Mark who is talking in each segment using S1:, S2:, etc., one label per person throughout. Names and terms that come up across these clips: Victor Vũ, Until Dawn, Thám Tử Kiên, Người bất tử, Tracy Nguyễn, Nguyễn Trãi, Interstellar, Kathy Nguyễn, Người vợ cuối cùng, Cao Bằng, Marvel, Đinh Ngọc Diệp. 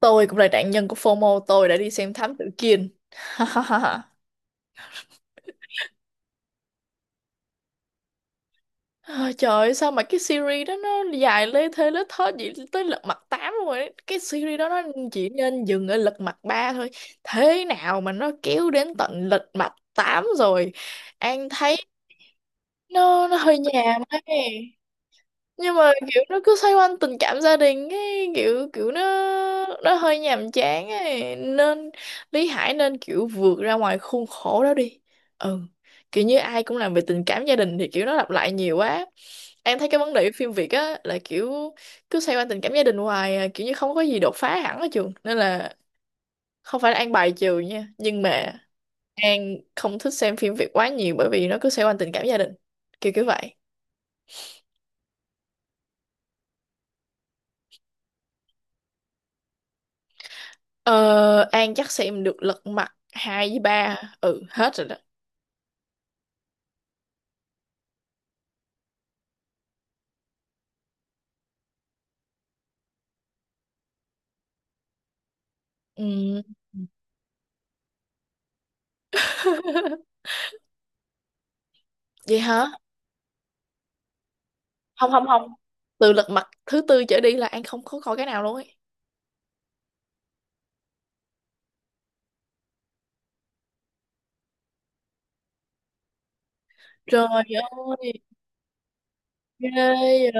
S1: Tôi cũng là nạn nhân của FOMO, tôi đã đi xem Thám Tử Kiên. Ôi trời ơi, sao mà cái series đó nó dài lê thê lết thớt vậy tới lật mặt 8 luôn rồi đấy. Cái series đó nó chỉ nên dừng ở lật mặt 3 thôi. Thế nào mà nó kéo đến tận lật mặt 8 rồi. An thấy nó hơi nhàm ấy. Nhưng mà kiểu nó cứ xoay quanh tình cảm gia đình ấy, kiểu kiểu nó hơi nhàm chán ấy nên Lý Hải nên kiểu vượt ra ngoài khuôn khổ đó đi. Ừ, kiểu như ai cũng làm về tình cảm gia đình thì kiểu nó lặp lại nhiều quá. Em thấy cái vấn đề của phim Việt á là kiểu cứ xoay quanh tình cảm gia đình hoài à, kiểu như không có gì đột phá hẳn ở trường, nên là không phải là An bài trừ nha, nhưng mà An không thích xem phim Việt quá nhiều bởi vì nó cứ xoay quanh tình cảm gia đình, kiểu kiểu vậy. Ờ, An chắc xem được lật mặt 2 với ba. Ừ, hết rồi đó. Ừ. Vậy hả? Không, không, không. Từ lật mặt thứ tư trở đi là An không có coi cái nào luôn ấy. Trời ơi, ghê vậy.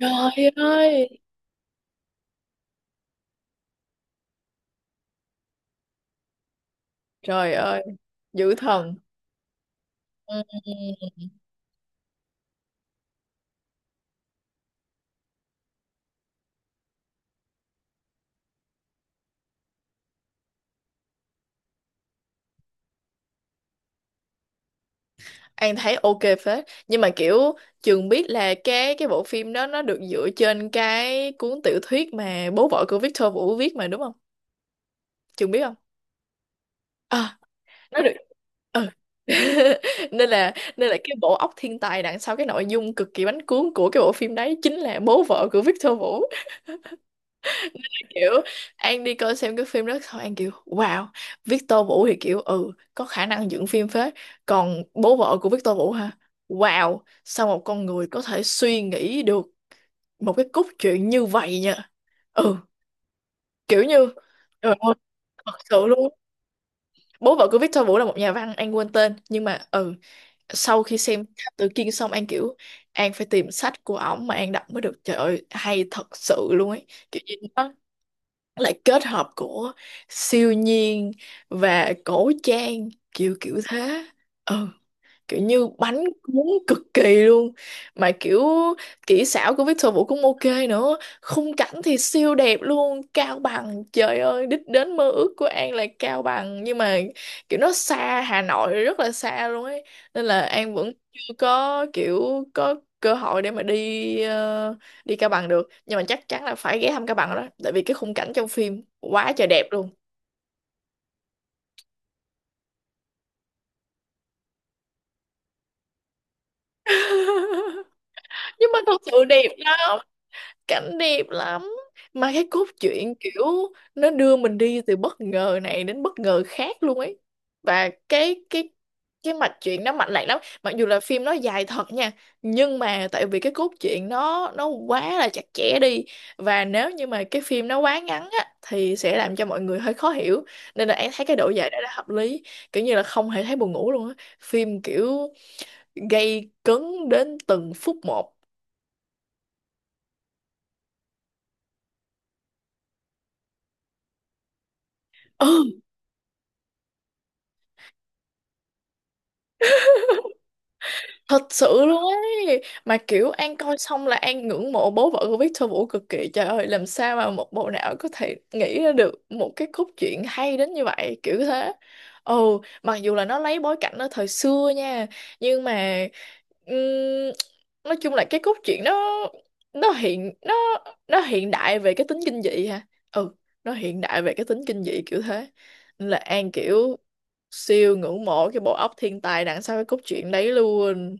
S1: Trời ơi. Trời ơi, dữ thần. Ừ. An thấy ok phết. Nhưng mà kiểu Trường biết là cái bộ phim đó nó được dựa trên cái cuốn tiểu thuyết mà bố vợ của Victor Vũ viết mà đúng không? Trường biết không? Nó được, ừ. Nên là cái bộ óc thiên tài đằng sau cái nội dung cực kỳ bánh cuốn của cái bộ phim đấy chính là bố vợ của Victor Vũ. Kiểu An đi coi xem cái phim đó thôi, An kiểu wow. Victor Vũ thì kiểu có khả năng dựng phim phết. Còn bố vợ của Victor Vũ hả? Wow, sao một con người có thể suy nghĩ được một cái cốt truyện như vậy nha. Ừ, kiểu như trời ơi, thật sự luôn. Bố vợ của Victor Vũ là một nhà văn, An quên tên, nhưng mà sau khi xem Thám Tử Kiên xong An kiểu An phải tìm sách của ổng mà An đọc mới được. Trời ơi, hay thật sự luôn ấy, kiểu như nó lại kết hợp của siêu nhiên và cổ trang kiểu kiểu thế. Ừ, kiểu như bánh cuốn cực kỳ luôn. Mà kiểu kỹ xảo của Victor Vũ cũng ok nữa, khung cảnh thì siêu đẹp luôn. Cao Bằng, trời ơi, đích đến mơ ước của An là Cao Bằng, nhưng mà kiểu nó xa Hà Nội rất là xa luôn ấy, nên là An vẫn chưa có kiểu có cơ hội để mà đi, đi Cao Bằng được, nhưng mà chắc chắn là phải ghé thăm Cao Bằng rồi đó, tại vì cái khung cảnh trong phim quá trời đẹp luôn. Nhưng mà thật sự đẹp lắm, cảnh đẹp lắm, mà cái cốt truyện kiểu nó đưa mình đi từ bất ngờ này đến bất ngờ khác luôn ấy. Và cái mạch truyện nó mạch lạc lắm, mặc dù là phim nó dài thật nha, nhưng mà tại vì cái cốt truyện nó quá là chặt chẽ đi, và nếu như mà cái phim nó quá ngắn á thì sẽ làm cho mọi người hơi khó hiểu, nên là em thấy cái độ dài đó là hợp lý, kiểu như là không hề thấy buồn ngủ luôn á, phim kiểu gây cấn đến từng phút một. Ừ, thật sự luôn ấy, mà kiểu An coi xong là An ngưỡng mộ bố vợ của Victor Vũ cực kỳ. Trời ơi, làm sao mà một bộ não có thể nghĩ ra được một cái cốt truyện hay đến như vậy, kiểu thế. Ồ, mặc dù là nó lấy bối cảnh ở thời xưa nha, nhưng mà ừm, nói chung là cái cốt truyện nó hiện nó nó hiện đại về cái tính kinh dị ha. Ừ, nó hiện đại về cái tính kinh dị kiểu thế. Nên là An kiểu siêu ngưỡng mộ cái bộ óc thiên tài đằng sau cái cốt truyện đấy luôn.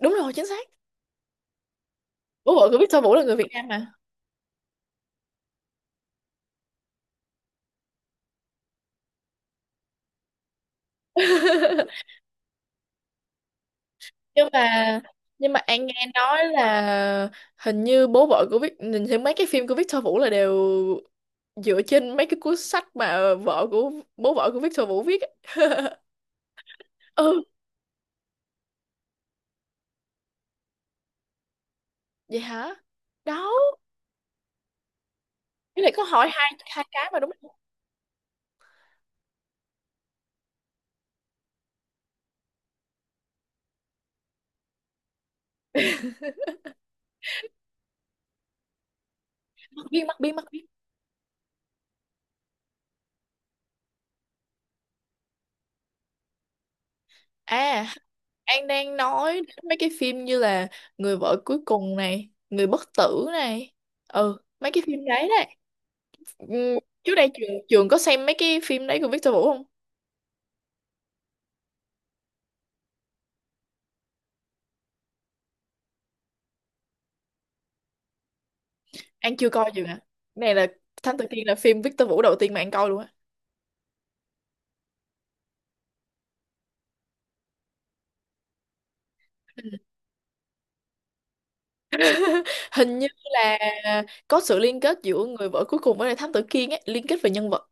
S1: Đúng rồi, chính xác. Bố vợ của Victor Vũ là người Việt Nam mà. nhưng mà nhưng mà An nghe nói là hình như bố vợ của Vic nhìn thấy mấy cái phim của Victor Vũ là đều dựa trên mấy cái cuốn sách mà vợ của bố vợ của Victor Vũ viết á. Ừ, vậy hả? Đó, cái này có hỏi hai hai cái mà đúng không? Mặt biên, mặt biên, mặt biên. À, An đang nói đến mấy cái phim như là Người vợ cuối cùng này, Người bất tử này. Ừ, mấy cái phim đấy đấy. Ừ, trước đây trường trường có xem mấy cái phim đấy của Victor Vũ không? An chưa coi trường à? Này là Thám Tử Kiên là phim Victor Vũ đầu tiên mà An coi luôn á. Hình như là có sự liên kết giữa người vợ cuối cùng với lại Thám Tử Kiên ấy, liên kết về nhân vật.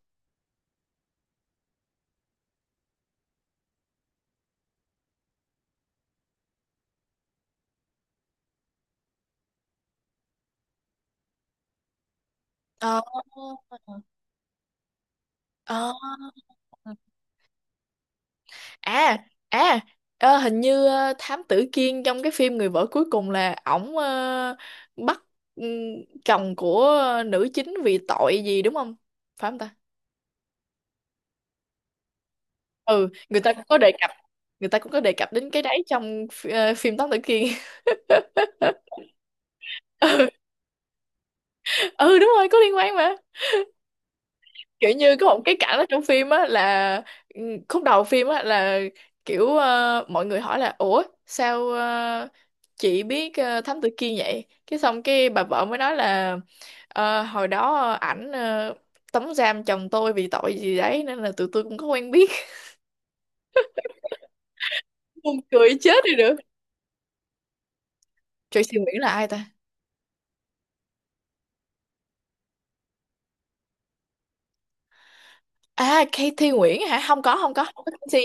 S1: Ờ. Ờ. À, à, hình như Thám Tử Kiên trong cái phim Người vợ cuối cùng là ổng bắt ừm, chồng của nữ chính vì tội gì đúng không? Phải không ta? Ừ, người ta cũng có đề cập người ta cũng có đề cập đến cái đấy trong phim Thám Tử Kiên. Ừ, ừ đúng rồi, có liên quan mà. Kiểu như có một cái cảnh ở trong phim á là ừ, khúc đầu phim á là kiểu mọi người hỏi là ủa sao chị biết Thám Tử Kiên vậy, cái xong cái bà vợ mới nói là "Ờ, hồi đó ảnh tống giam chồng tôi vì tội gì đấy nên là tụi tôi cũng có quen biết." Buồn cười chết đi được. Tracy Nguyễn là ai ta? À, Kathy Nguyễn hả? Không có, không có, không có Kathy.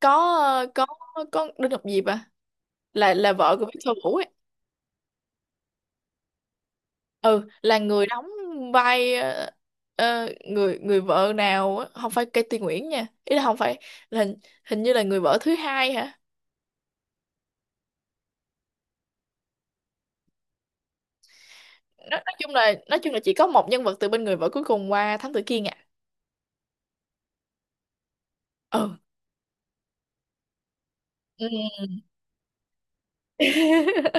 S1: Có ờ, có Đinh Ngọc Diệp à? Là vợ của Victor Vũ ấy. Ừ, là người đóng vai người người vợ nào á, không phải Kathy Nguyễn nha. Ý là không phải là hình như là người vợ thứ hai hả? Nói chung là chỉ có một nhân vật từ bên người vợ cuối cùng qua Thám Tử Kiên à. Ừ. Ừ.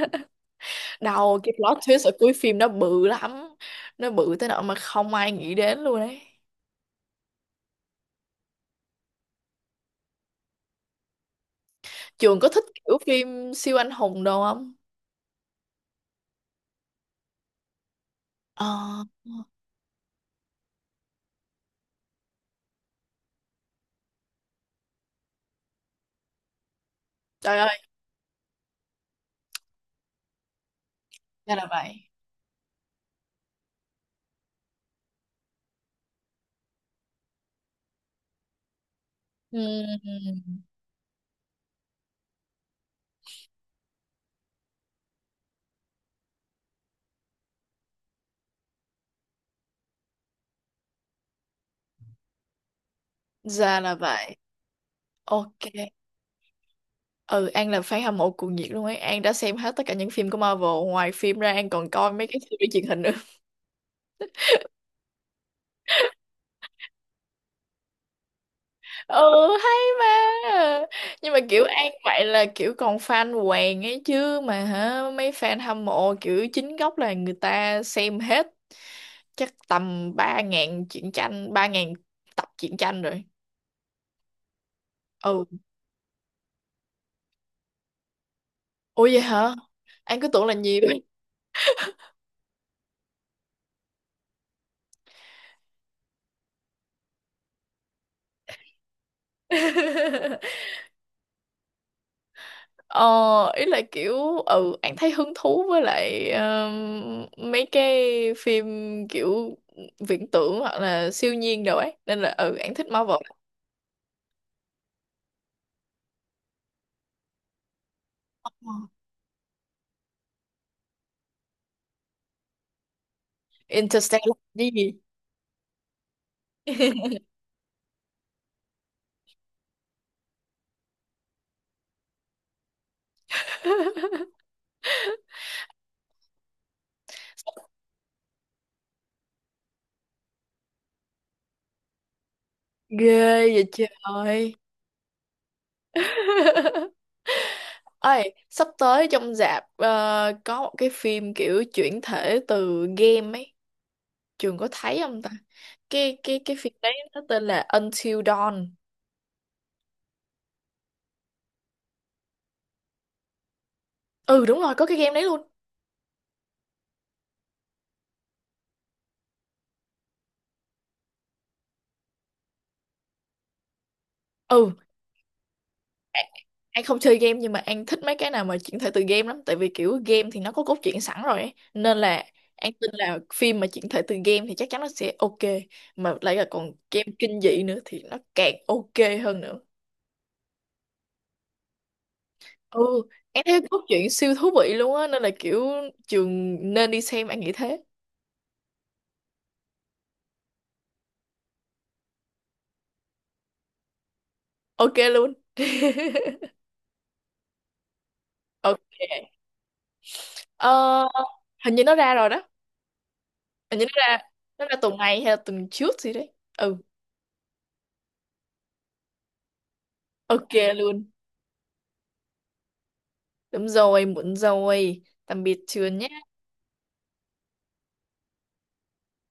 S1: Đầu cái plot twist ở cuối phim nó bự lắm. Nó bự tới nỗi mà không ai nghĩ đến luôn đấy. Trường có thích kiểu phim siêu anh hùng đâu không? Ờ, trời ơi, ra là vậy. Ừm, ra là vậy. Ok. Ừ, An là fan hâm mộ cuồng nhiệt luôn ấy. An đã xem hết tất cả những phim của Marvel. Ngoài phim ra, An còn coi mấy cái series truyền hình nữa. Ừ, hay mà. Nhưng mà kiểu An vậy là kiểu còn fan hoàng ấy chứ. Mà hả, mấy fan hâm mộ kiểu chính gốc là người ta xem hết chắc tầm 3.000 truyện tranh, 3.000 tập truyện tranh rồi. Ừ. Ủa vậy hả? An cứ tưởng là nhiều. Ờ, ý là kiểu An thấy hứng thú với lại mấy cái phim kiểu viễn tưởng hoặc là siêu nhiên đồ ấy, nên là An thích Marvel. Ờ. Interstellar cái gì? Ghê vậy trời. Ơi, sắp tới trong rạp có một cái phim kiểu chuyển thể từ game ấy. Trường có thấy không ta? Cái phim đấy nó tên là Until Dawn. Ừ đúng rồi, có cái game đấy luôn. ừ An An không chơi game, nhưng mà An thích mấy cái nào mà chuyển thể từ game lắm, tại vì kiểu game thì nó có cốt truyện sẵn rồi ấy, nên là An tin là phim mà chuyển thể từ game thì chắc chắn nó sẽ ok, mà lại là còn game kinh dị nữa thì nó càng ok hơn nữa. ừ An thấy cốt truyện siêu thú vị luôn á, nên là kiểu trường nên đi xem, An nghĩ thế. Ok luôn. Ok. Ờ, hình như nó ra rồi đó. Hình như Nó ra tuần này hay là tuần trước gì đấy. Ừ. Ok luôn. Đúng rồi, muộn rồi. Tạm biệt trường nhé.